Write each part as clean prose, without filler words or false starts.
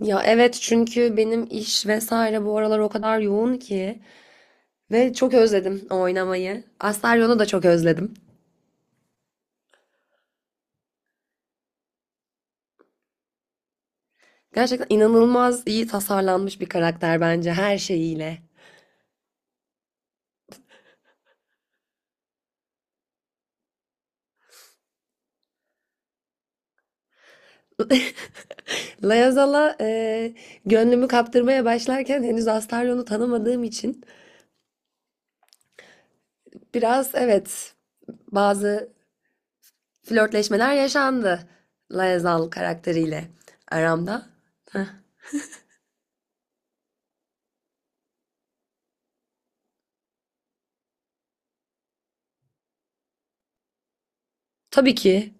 Ya evet çünkü benim iş vesaire bu aralar o kadar yoğun ki ve çok özledim o oynamayı. Astarion'u da çok özledim. Gerçekten inanılmaz iyi tasarlanmış bir karakter bence her şeyiyle. Layazala gönlümü kaptırmaya başlarken henüz Astarion'u tanımadığım için biraz evet bazı flörtleşmeler yaşandı Layazal karakteriyle aramda. Heh. Tabii ki.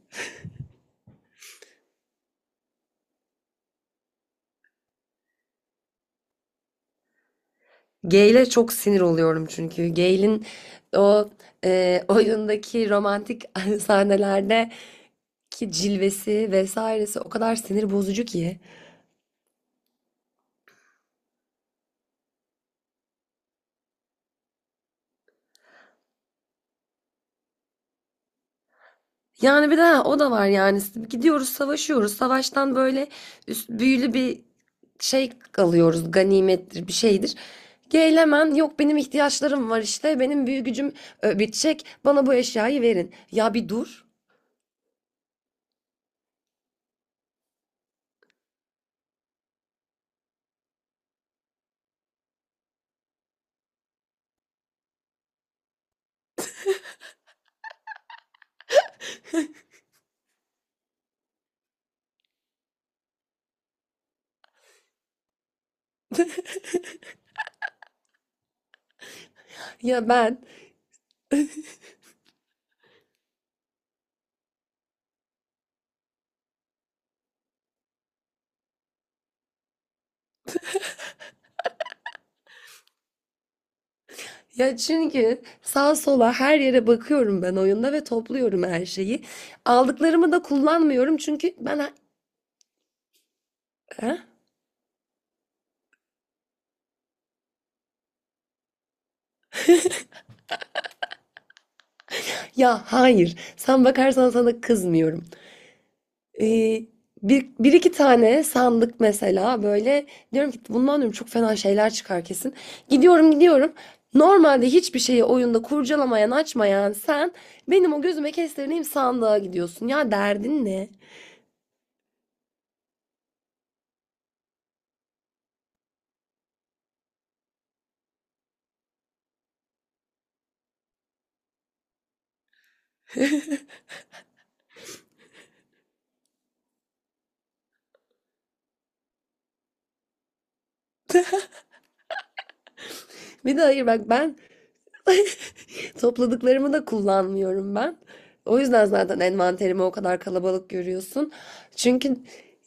Gay'le çok sinir oluyorum çünkü. Gay'in o oyundaki romantik sahnelerde ki cilvesi vesairesi o kadar sinir bozucu ki. Yani bir daha o da var yani. Gidiyoruz savaşıyoruz. Savaştan böyle büyülü bir şey alıyoruz. Ganimettir bir şeydir. Gale hemen yok benim ihtiyaçlarım var işte. Benim büyü gücüm bitecek. Bana bu eşyayı verin. Ya bir dur. Ya ben Ya çünkü sağa sola her yere bakıyorum ben oyunda ve topluyorum her şeyi. Aldıklarımı da kullanmıyorum çünkü ben... ha? Ya hayır, sen bakarsan sana kızmıyorum. Ee, bir iki tane sandık mesela böyle diyorum ki bundan diyorum çok fena şeyler çıkar kesin. Gidiyorum gidiyorum. Normalde hiçbir şeyi oyunda kurcalamayan açmayan sen benim o gözüme kestirdiğim sandığa gidiyorsun. Ya derdin ne? Bir de hayır bak ben topladıklarımı da kullanmıyorum ben. O yüzden zaten envanterimi o kadar kalabalık görüyorsun. Çünkü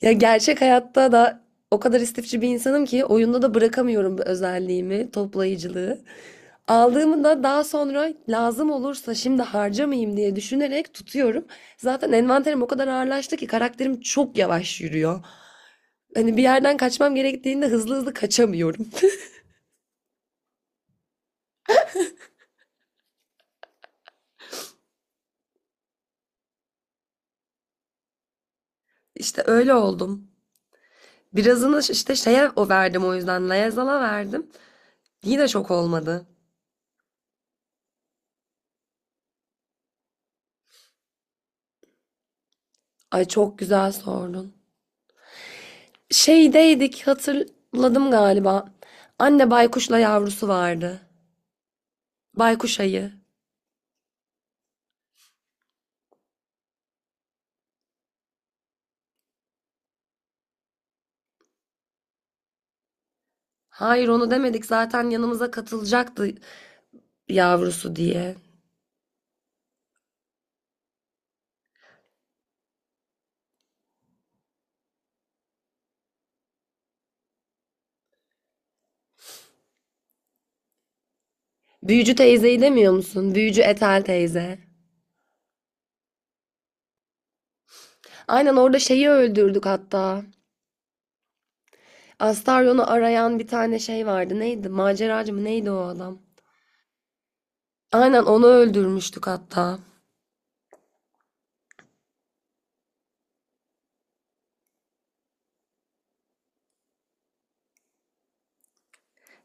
ya gerçek hayatta da o kadar istifçi bir insanım ki oyunda da bırakamıyorum bu özelliğimi, toplayıcılığı. Aldığımı da daha sonra lazım olursa şimdi harcamayayım diye düşünerek tutuyorum. Zaten envanterim o kadar ağırlaştı ki karakterim çok yavaş yürüyor. Hani bir yerden kaçmam gerektiğinde hızlı hızlı kaçamıyorum. İşte öyle oldum. Birazını işte şeye o verdim o yüzden. Layazal'a verdim. Yine şok olmadı. Ay çok güzel sordun. Şeydeydik hatırladım galiba. Anne baykuşla yavrusu vardı. Baykuş ayı. Hayır onu demedik zaten yanımıza katılacaktı yavrusu diye. Büyücü teyzeyi demiyor musun? Büyücü Etel teyze. Aynen orada şeyi öldürdük hatta. Astarion'u arayan bir tane şey vardı. Neydi? Maceracı mı? Neydi o adam? Aynen onu öldürmüştük hatta.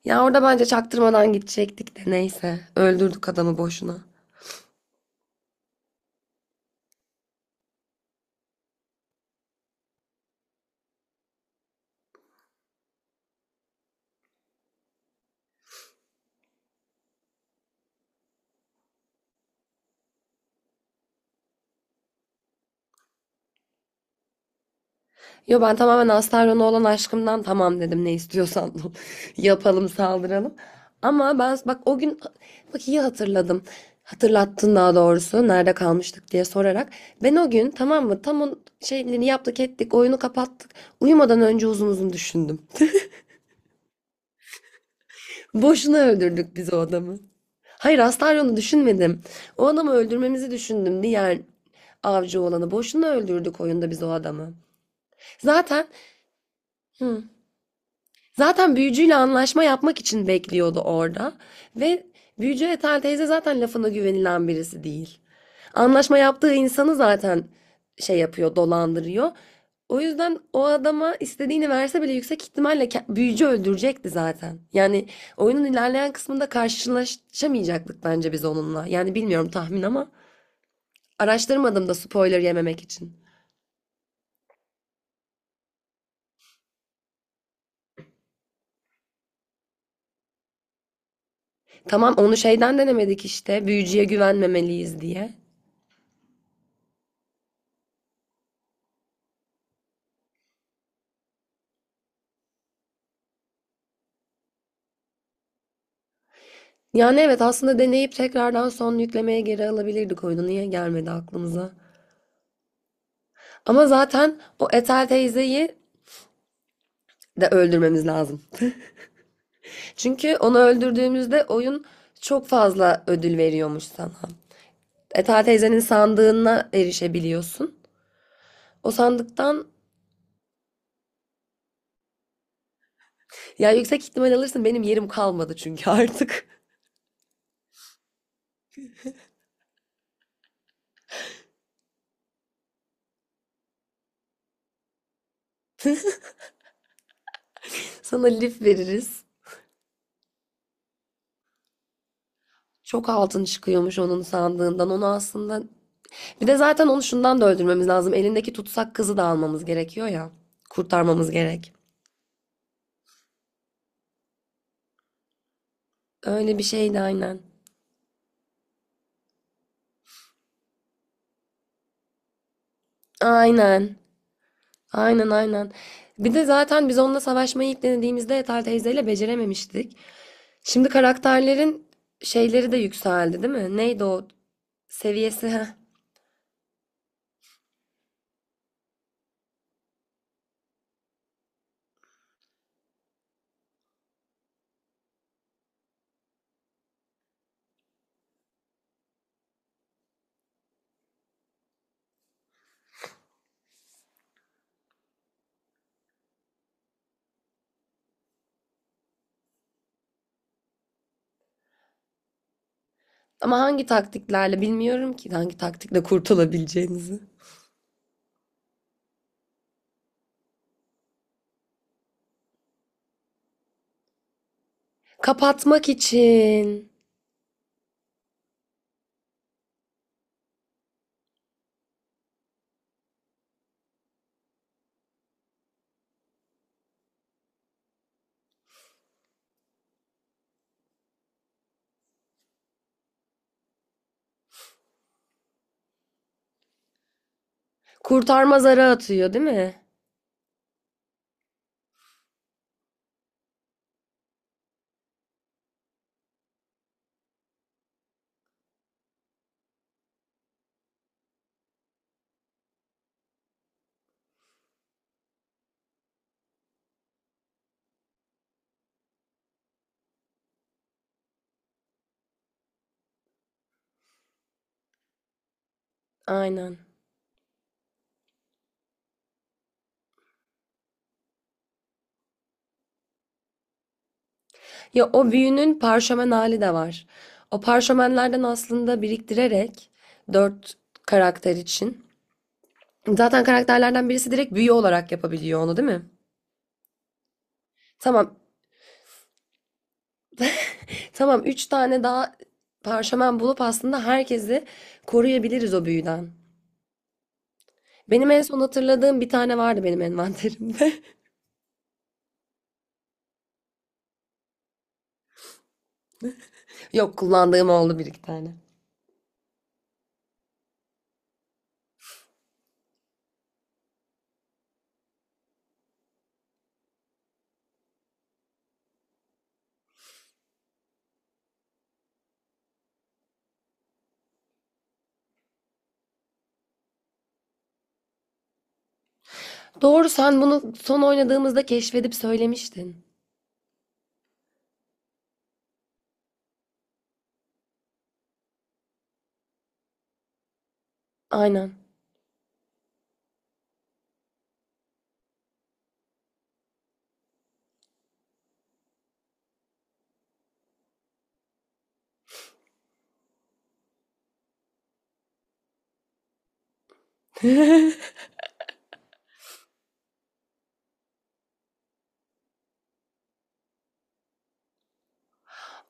Ya orada bence çaktırmadan gidecektik de neyse. Öldürdük adamı boşuna. Yo ben tamamen Astarion'a olan aşkımdan tamam dedim ne istiyorsan yapalım saldıralım. Ama ben bak o gün bak iyi hatırladım. Hatırlattın daha doğrusu nerede kalmıştık diye sorarak. Ben o gün tamam mı tam o şeyleri yaptık ettik oyunu kapattık. Uyumadan önce uzun uzun düşündüm. Boşuna öldürdük biz o adamı. Hayır Astaryon'u düşünmedim. O adamı öldürmemizi düşündüm. Diğer avcı olanı. Boşuna öldürdük oyunda biz o adamı. Zaten hı, Zaten büyücüyle anlaşma yapmak için bekliyordu orada. Ve büyücü Ethel teyze zaten lafına güvenilen birisi değil. Anlaşma yaptığı insanı zaten şey yapıyor, dolandırıyor. O yüzden o adama istediğini verse bile yüksek ihtimalle büyücü öldürecekti zaten. Yani oyunun ilerleyen kısmında karşılaşamayacaktık bence biz onunla. Yani bilmiyorum tahmin ama araştırmadım da spoiler yememek için. Tamam onu şeyden denemedik işte büyücüye güvenmemeliyiz diye. Yani evet aslında deneyip tekrardan son yüklemeye geri alabilirdik oyunu. Niye gelmedi aklımıza? Ama zaten o Ethel teyzeyi de öldürmemiz lazım. Çünkü onu öldürdüğümüzde oyun çok fazla ödül veriyormuş sana. Ethel teyzenin sandığına erişebiliyorsun. O sandıktan ya yüksek ihtimal alırsın benim yerim kalmadı çünkü artık. Sana lif veririz. Çok altın çıkıyormuş onun sandığından. Onu aslında bir de zaten onu şundan da öldürmemiz lazım. Elindeki tutsak kızı da almamız gerekiyor ya. Kurtarmamız gerek. Öyle bir şeydi aynen. Aynen. Aynen. Bir de zaten biz onunla savaşmayı ilk denediğimizde Ethel teyzeyle becerememiştik. Şimdi karakterlerin şeyleri de yükseldi değil mi? Neydi o seviyesi? Heh. Ama hangi taktiklerle bilmiyorum ki hangi taktikle kurtulabileceğimizi. Kapatmak için. Kurtarma zarı atıyor değil mi? Aynen. Ya o büyünün parşömen hali de var. O parşömenlerden aslında biriktirerek dört karakter için. Zaten karakterlerden birisi direkt büyü olarak yapabiliyor onu, değil mi? Tamam. Tamam. Üç tane daha parşömen bulup aslında herkesi koruyabiliriz o büyüden. Benim en son hatırladığım bir tane vardı benim envanterimde. Yok kullandığım oldu bir iki tane. Doğru sen bunu son oynadığımızda keşfedip söylemiştin. Aynen.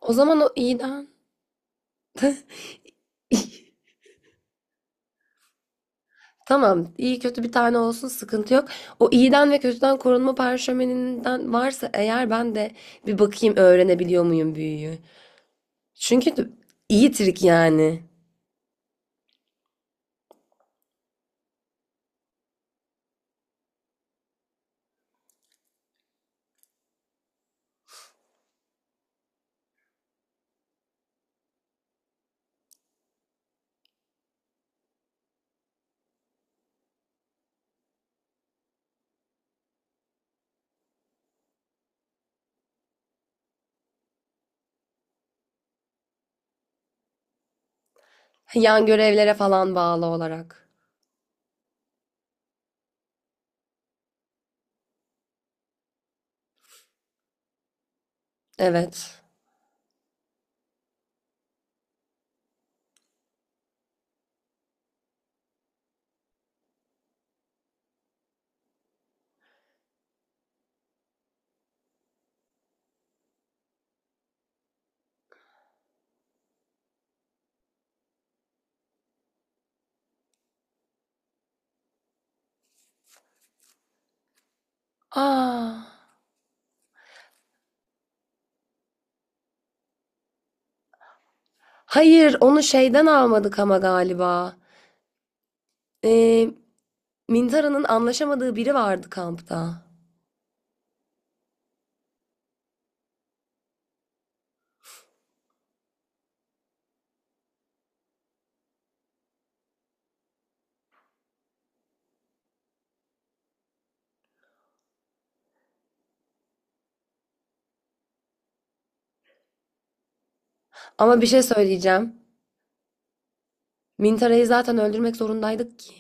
O zaman o iyiden. Tamam, iyi kötü bir tane olsun sıkıntı yok. O iyiden ve kötüden korunma parşömeninden varsa eğer ben de bir bakayım öğrenebiliyor muyum büyüyü. Çünkü iyi trik yani. Yan görevlere falan bağlı olarak. Evet. Aa, hayır onu şeyden almadık ama galiba. Ee, Mintara'nın anlaşamadığı biri vardı kampta. Ama bir şey söyleyeceğim. Mintara'yı zaten öldürmek zorundaydık ki.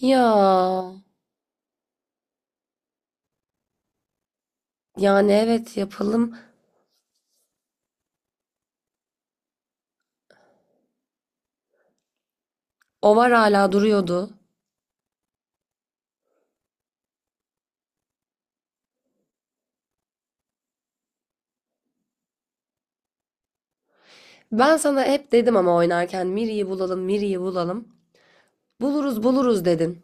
Ya, yani evet yapalım. O var hala duruyordu. Ben sana hep dedim ama oynarken Miri'yi bulalım, Miri'yi bulalım. Buluruz, buluruz dedin.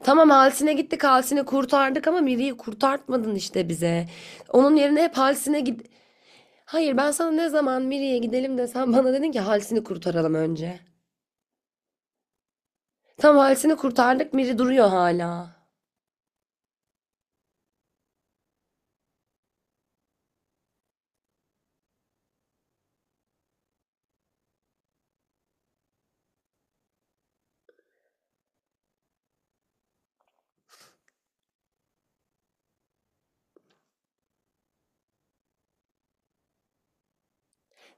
Tamam Halsine gittik, halsin'i kurtardık ama Miri'yi kurtartmadın işte bize. Onun yerine hep Halsine git... Hayır ben sana ne zaman Miri'ye gidelim desem bana dedin ki Halsini kurtaralım önce. Tamam Halsini kurtardık, Miri duruyor hala.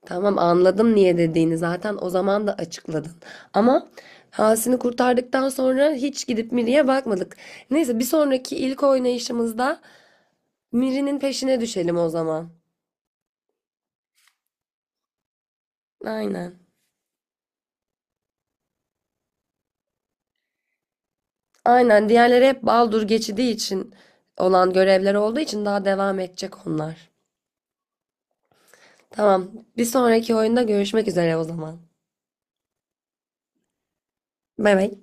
Tamam anladım niye dediğini zaten o zaman da açıkladın. Ama Halsini kurtardıktan sonra hiç gidip Miri'ye bakmadık. Neyse bir sonraki ilk oynayışımızda Miri'nin peşine düşelim o zaman. Aynen. Aynen. Diğerleri hep Baldur geçidi için olan görevler olduğu için daha devam edecek onlar. Tamam. Bir sonraki oyunda görüşmek üzere o zaman. Bay bay.